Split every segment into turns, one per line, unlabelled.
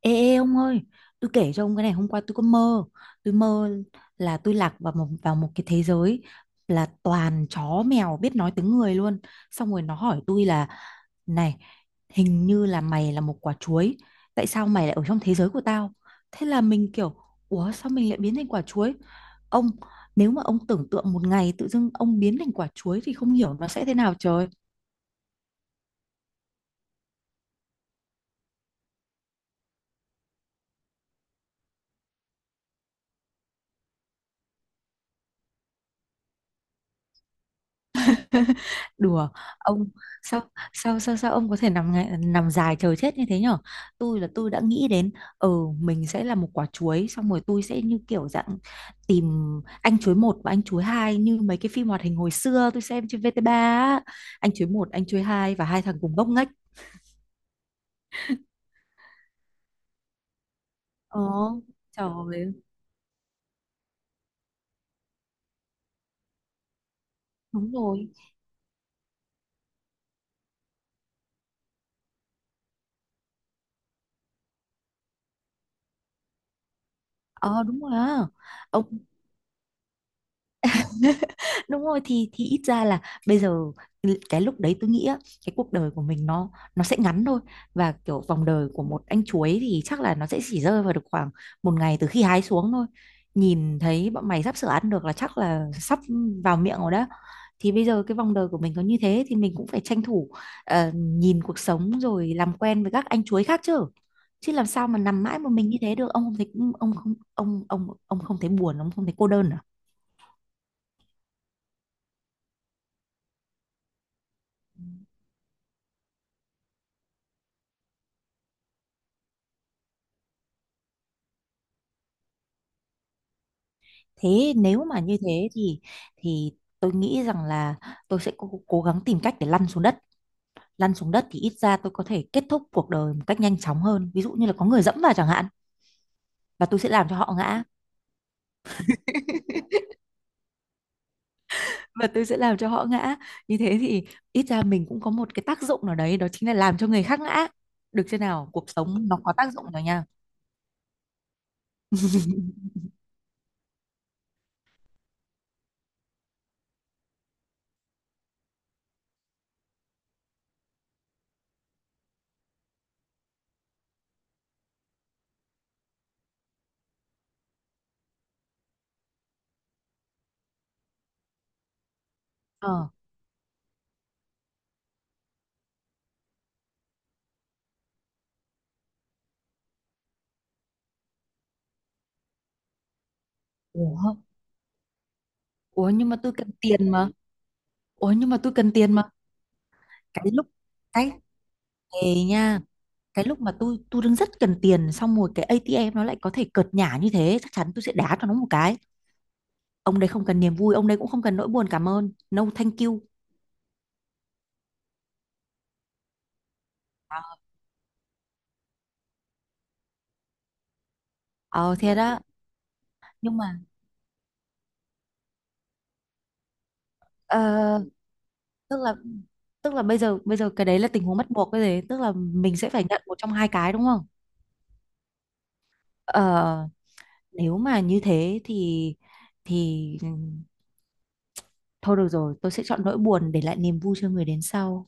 Ê, ê ông ơi, tôi kể cho ông cái này hôm qua tôi có mơ. Tôi mơ là tôi lạc vào một cái thế giới là toàn chó mèo biết nói tiếng người luôn. Xong rồi nó hỏi tôi là này, hình như là mày là một quả chuối, tại sao mày lại ở trong thế giới của tao? Thế là mình kiểu ủa sao mình lại biến thành quả chuối? Ông nếu mà ông tưởng tượng một ngày tự dưng ông biến thành quả chuối thì không hiểu nó sẽ thế nào trời. Đùa ông sao sao sao sao ông có thể nằm dài chờ chết như thế nhở? Tôi là tôi đã nghĩ đến ừ mình sẽ là một quả chuối xong rồi tôi sẽ như kiểu dạng tìm anh chuối một và anh chuối hai như mấy cái phim hoạt hình hồi xưa tôi xem trên VTV á, anh chuối một anh chuối hai và hai thằng cùng ngốc nghếch. Ờ trời ơi, đúng rồi. Ờ đúng rồi á. Ông đúng rồi thì ít ra là bây giờ cái lúc đấy tôi nghĩ á, cái cuộc đời của mình nó sẽ ngắn thôi và kiểu vòng đời của một anh chuối thì chắc là nó sẽ chỉ rơi vào được khoảng một ngày từ khi hái xuống thôi. Nhìn thấy bọn mày sắp sửa ăn được là chắc là sắp vào miệng rồi đó, thì bây giờ cái vòng đời của mình có như thế thì mình cũng phải tranh thủ nhìn cuộc sống rồi làm quen với các anh chuối khác chứ, chứ làm sao mà nằm mãi một mình như thế được? Ông không thấy, ông không ông không thấy buồn, ông không thấy cô đơn à? Thế nếu mà như thế thì tôi nghĩ rằng là tôi sẽ cố gắng tìm cách để lăn xuống đất. Lăn xuống đất thì ít ra tôi có thể kết thúc cuộc đời một cách nhanh chóng hơn. Ví dụ như là có người dẫm vào chẳng hạn và tôi sẽ làm cho họ ngã. Và tôi sẽ làm cho họ ngã. Như thế thì ít ra mình cũng có một cái tác dụng nào đấy, đó chính là làm cho người khác ngã. Được chưa nào? Cuộc sống nó có tác dụng rồi nha. Ờ. Ủa, ủa nhưng mà tôi cần tiền mà. Ủa nhưng mà tôi cần tiền mà. Cái lúc cái Ê nha, cái lúc mà tôi đang rất cần tiền xong rồi cái ATM nó lại có thể cợt nhả như thế, chắc chắn tôi sẽ đá cho nó một cái. Ông đấy không cần niềm vui, ông đấy cũng không cần nỗi buồn, cảm ơn, no thank you. Ờ thế đó. Nhưng mà ờ, tức là bây giờ cái đấy là tình huống bắt buộc cái gì, tức là mình sẽ phải nhận một trong hai cái đúng không? Ờ, nếu mà như thế thì ừ, thôi được rồi tôi sẽ chọn nỗi buồn để lại niềm vui cho người đến sau.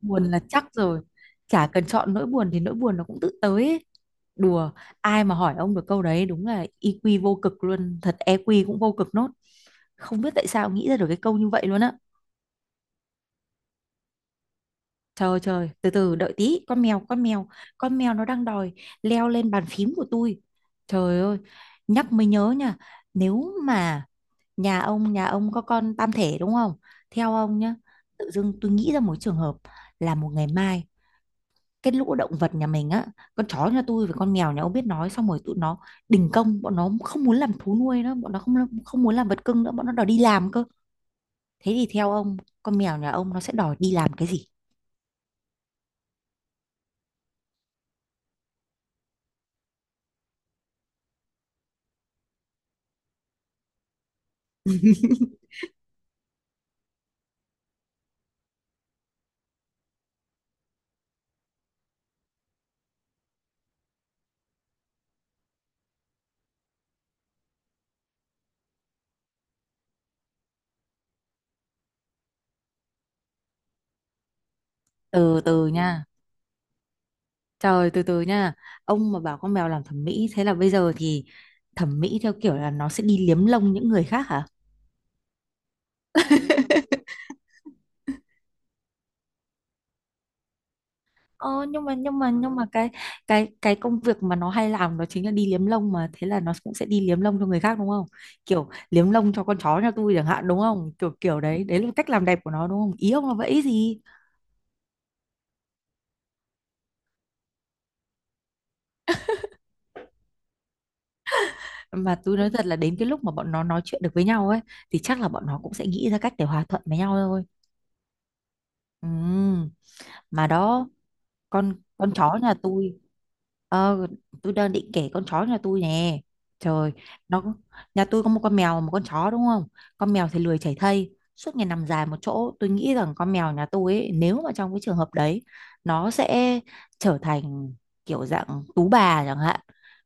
Buồn là chắc rồi, chả cần chọn nỗi buồn thì nỗi buồn nó cũng tự tới ấy. Đùa, ai mà hỏi ông được câu đấy đúng là EQ vô cực luôn thật, EQ cũng vô cực nốt. Không biết tại sao nghĩ ra được cái câu như vậy luôn á. Trời ơi, trời từ từ đợi tí, con mèo nó đang đòi leo lên bàn phím của tôi. Trời ơi, nhắc mới nhớ nha, nếu mà nhà ông có con tam thể đúng không? Theo ông nhá, tự dưng tôi nghĩ ra một trường hợp là một ngày mai cái lũ động vật nhà mình á, con chó nhà tôi với con mèo nhà ông biết nói xong rồi tụi nó đình công, bọn nó không muốn làm thú nuôi nữa, bọn nó không không muốn làm vật cưng nữa, bọn nó đòi đi làm cơ. Thế thì theo ông, con mèo nhà ông nó sẽ đòi đi làm cái gì? Từ từ nha, trời từ từ nha. Ông mà bảo con mèo làm thẩm mỹ, thế là bây giờ thì thẩm mỹ theo kiểu là nó sẽ đi liếm lông những người khác hả? Ờ, nhưng mà cái công việc mà nó hay làm đó chính là đi liếm lông mà, thế là nó cũng sẽ đi liếm lông cho người khác đúng không? Kiểu liếm lông cho con chó nhà tôi chẳng hạn, đúng không? Kiểu kiểu đấy, đấy là cách làm đẹp của nó đúng không, ý ông là vậy gì? Mà tôi nói thật là đến cái lúc mà bọn nó nói chuyện được với nhau ấy thì chắc là bọn nó cũng sẽ nghĩ ra cách để hòa thuận với nhau thôi. Ừm, mà đó, con chó nhà tôi, ờ tôi đang định kể con chó nhà tôi nè. Trời, nó, nhà tôi có một con mèo và một con chó đúng không? Con mèo thì lười chảy thây suốt ngày nằm dài một chỗ, tôi nghĩ rằng con mèo nhà tôi ấy, nếu mà trong cái trường hợp đấy nó sẽ trở thành kiểu dạng tú bà chẳng hạn.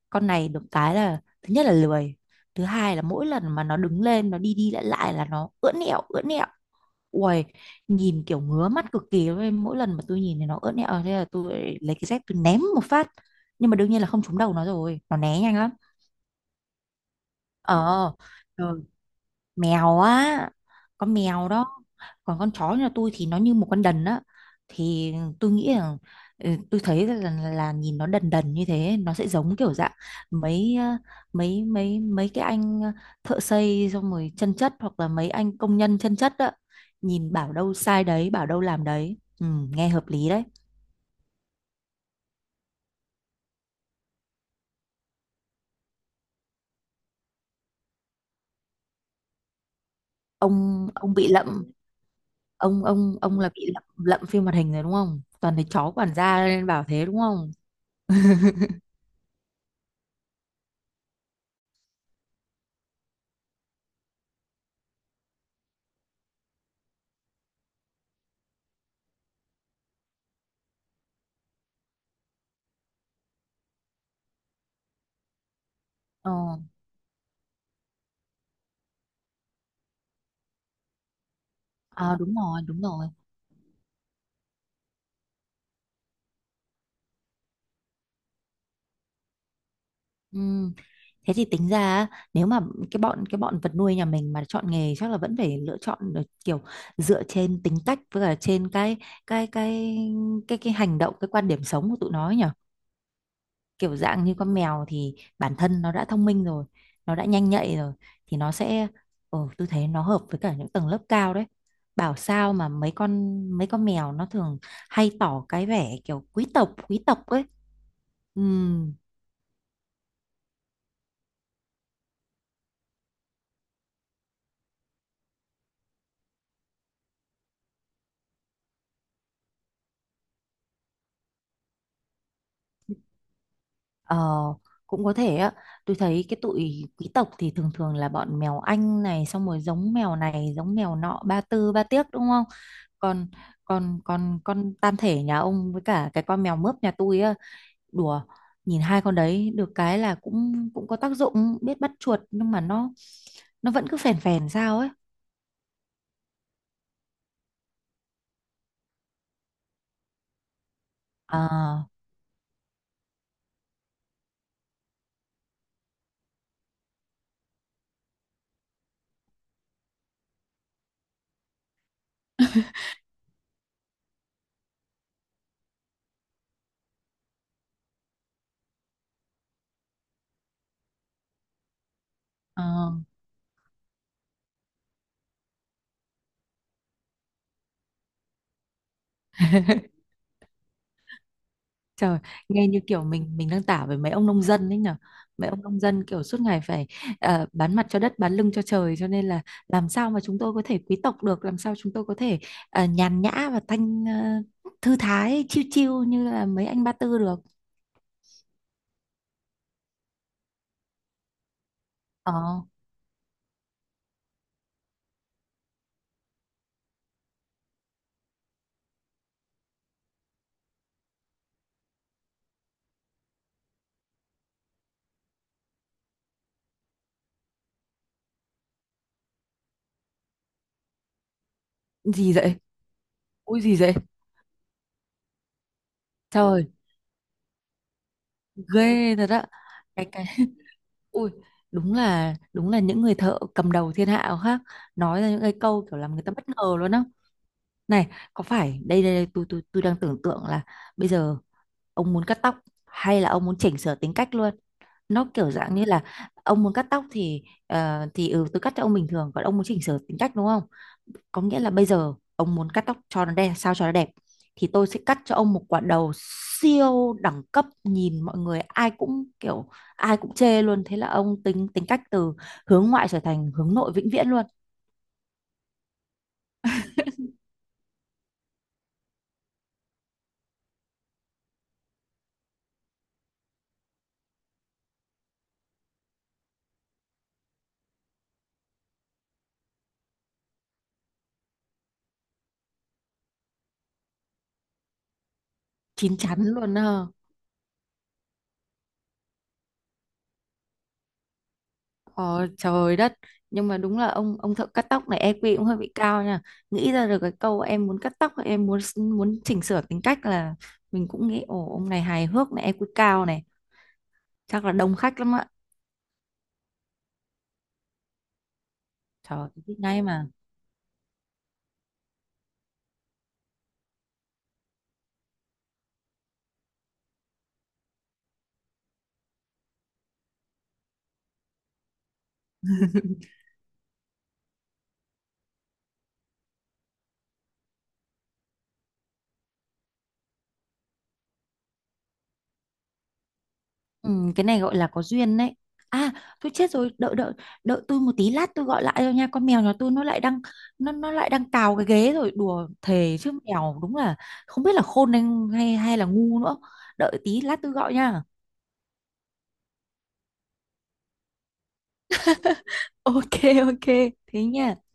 Con này được cái là thứ nhất là lười, thứ hai là mỗi lần mà nó đứng lên nó đi đi lại lại là nó ưỡn ẹo ưỡn ẹo. Uầy, nhìn kiểu ngứa mắt cực kỳ luôn, mỗi lần mà tôi nhìn thì nó ớn ẹo thế là tôi lại lấy cái dép tôi ném một phát, nhưng mà đương nhiên là không trúng đầu nó rồi, nó né nhanh lắm. Ờ mèo á, con mèo đó. Còn con chó nhà tôi thì nó như một con đần á, thì tôi nghĩ là ừ, tôi thấy là nhìn nó đần đần như thế nó sẽ giống kiểu dạng mấy ờ, mấy cái anh thợ xây xong rồi chân chất hoặc là mấy anh công nhân chân chất á, nhìn bảo đâu sai đấy bảo đâu làm đấy, ừ, nghe hợp lý đấy. Ông bị lậm, ông là bị lậm phim hoạt hình rồi đúng không, toàn thấy chó quản gia nên bảo thế đúng không? Ờ, à, đúng rồi, đúng rồi. Ừm, Thế thì tính ra á, nếu mà cái bọn vật nuôi nhà mình mà chọn nghề chắc là vẫn phải lựa chọn được kiểu dựa trên tính cách với cả trên cái cái cái cái hành động, cái quan điểm sống của tụi nó ấy nhỉ. Kiểu dạng như con mèo thì bản thân nó đã thông minh rồi, nó đã nhanh nhạy rồi thì nó sẽ ờ, tôi thấy nó hợp với cả những tầng lớp cao đấy. Bảo sao mà mấy con mèo nó thường hay tỏ cái vẻ kiểu quý tộc ấy. Ừ, ờ, cũng có thể á. Tôi thấy cái tụi quý tộc thì thường thường là bọn mèo Anh này xong rồi giống mèo này, giống mèo nọ, ba tư ba tiếc đúng không? Còn còn còn con tam thể nhà ông với cả cái con mèo mướp nhà tôi á, đùa, nhìn hai con đấy được cái là cũng cũng có tác dụng biết bắt chuột nhưng mà nó vẫn cứ phèn phèn sao ấy. Ờ, ờ. Trời, nghe như kiểu mình đang tả với mấy ông nông dân ấy nhở. Mấy ông nông dân kiểu suốt ngày phải ờ, bán mặt cho đất, bán lưng cho trời cho nên là làm sao mà chúng tôi có thể quý tộc được, làm sao chúng tôi có thể ờ, nhàn nhã và thanh ờ, thư thái chiêu chiêu như là mấy anh Ba Tư được. Ờ, gì vậy? Ui gì vậy? Trời, ghê thật á. Cái ui đúng là những người thợ cầm đầu thiên hạ khác nói ra những cái câu kiểu làm người ta bất ngờ luôn á. Này, có phải đây đây, đây tôi tôi đang tưởng tượng là bây giờ ông muốn cắt tóc hay là ông muốn chỉnh sửa tính cách luôn. Nó kiểu dạng như là ông muốn cắt tóc thì ờ, thì ừ tôi cắt cho ông bình thường, còn ông muốn chỉnh sửa tính cách đúng không? Có nghĩa là bây giờ ông muốn cắt tóc cho nó đẹp, sao cho nó đẹp thì tôi sẽ cắt cho ông một quả đầu siêu đẳng cấp, nhìn mọi người ai cũng kiểu ai cũng chê luôn, thế là ông tính tính cách từ hướng ngoại trở thành hướng nội vĩnh viễn luôn, chín chắn luôn à. Ờ, trời đất, nhưng mà đúng là ông thợ cắt tóc này EQ cũng hơi bị cao nha, nghĩ ra được cái câu em muốn cắt tóc em muốn muốn chỉnh sửa tính cách, là mình cũng nghĩ ồ ông này hài hước này EQ cao này, chắc là đông khách lắm ạ. Trời biết ngay mà. Ừ, cái này gọi là có duyên đấy. À tôi chết rồi, đợi đợi đợi tôi một tí, lát tôi gọi lại cho nha, con mèo nhà tôi nó lại đang, nó lại đang cào cái ghế rồi, đùa thề chứ mèo đúng là không biết là khôn hay hay là ngu nữa. Đợi tí lát tôi gọi nha. Ok ok. Thế nha.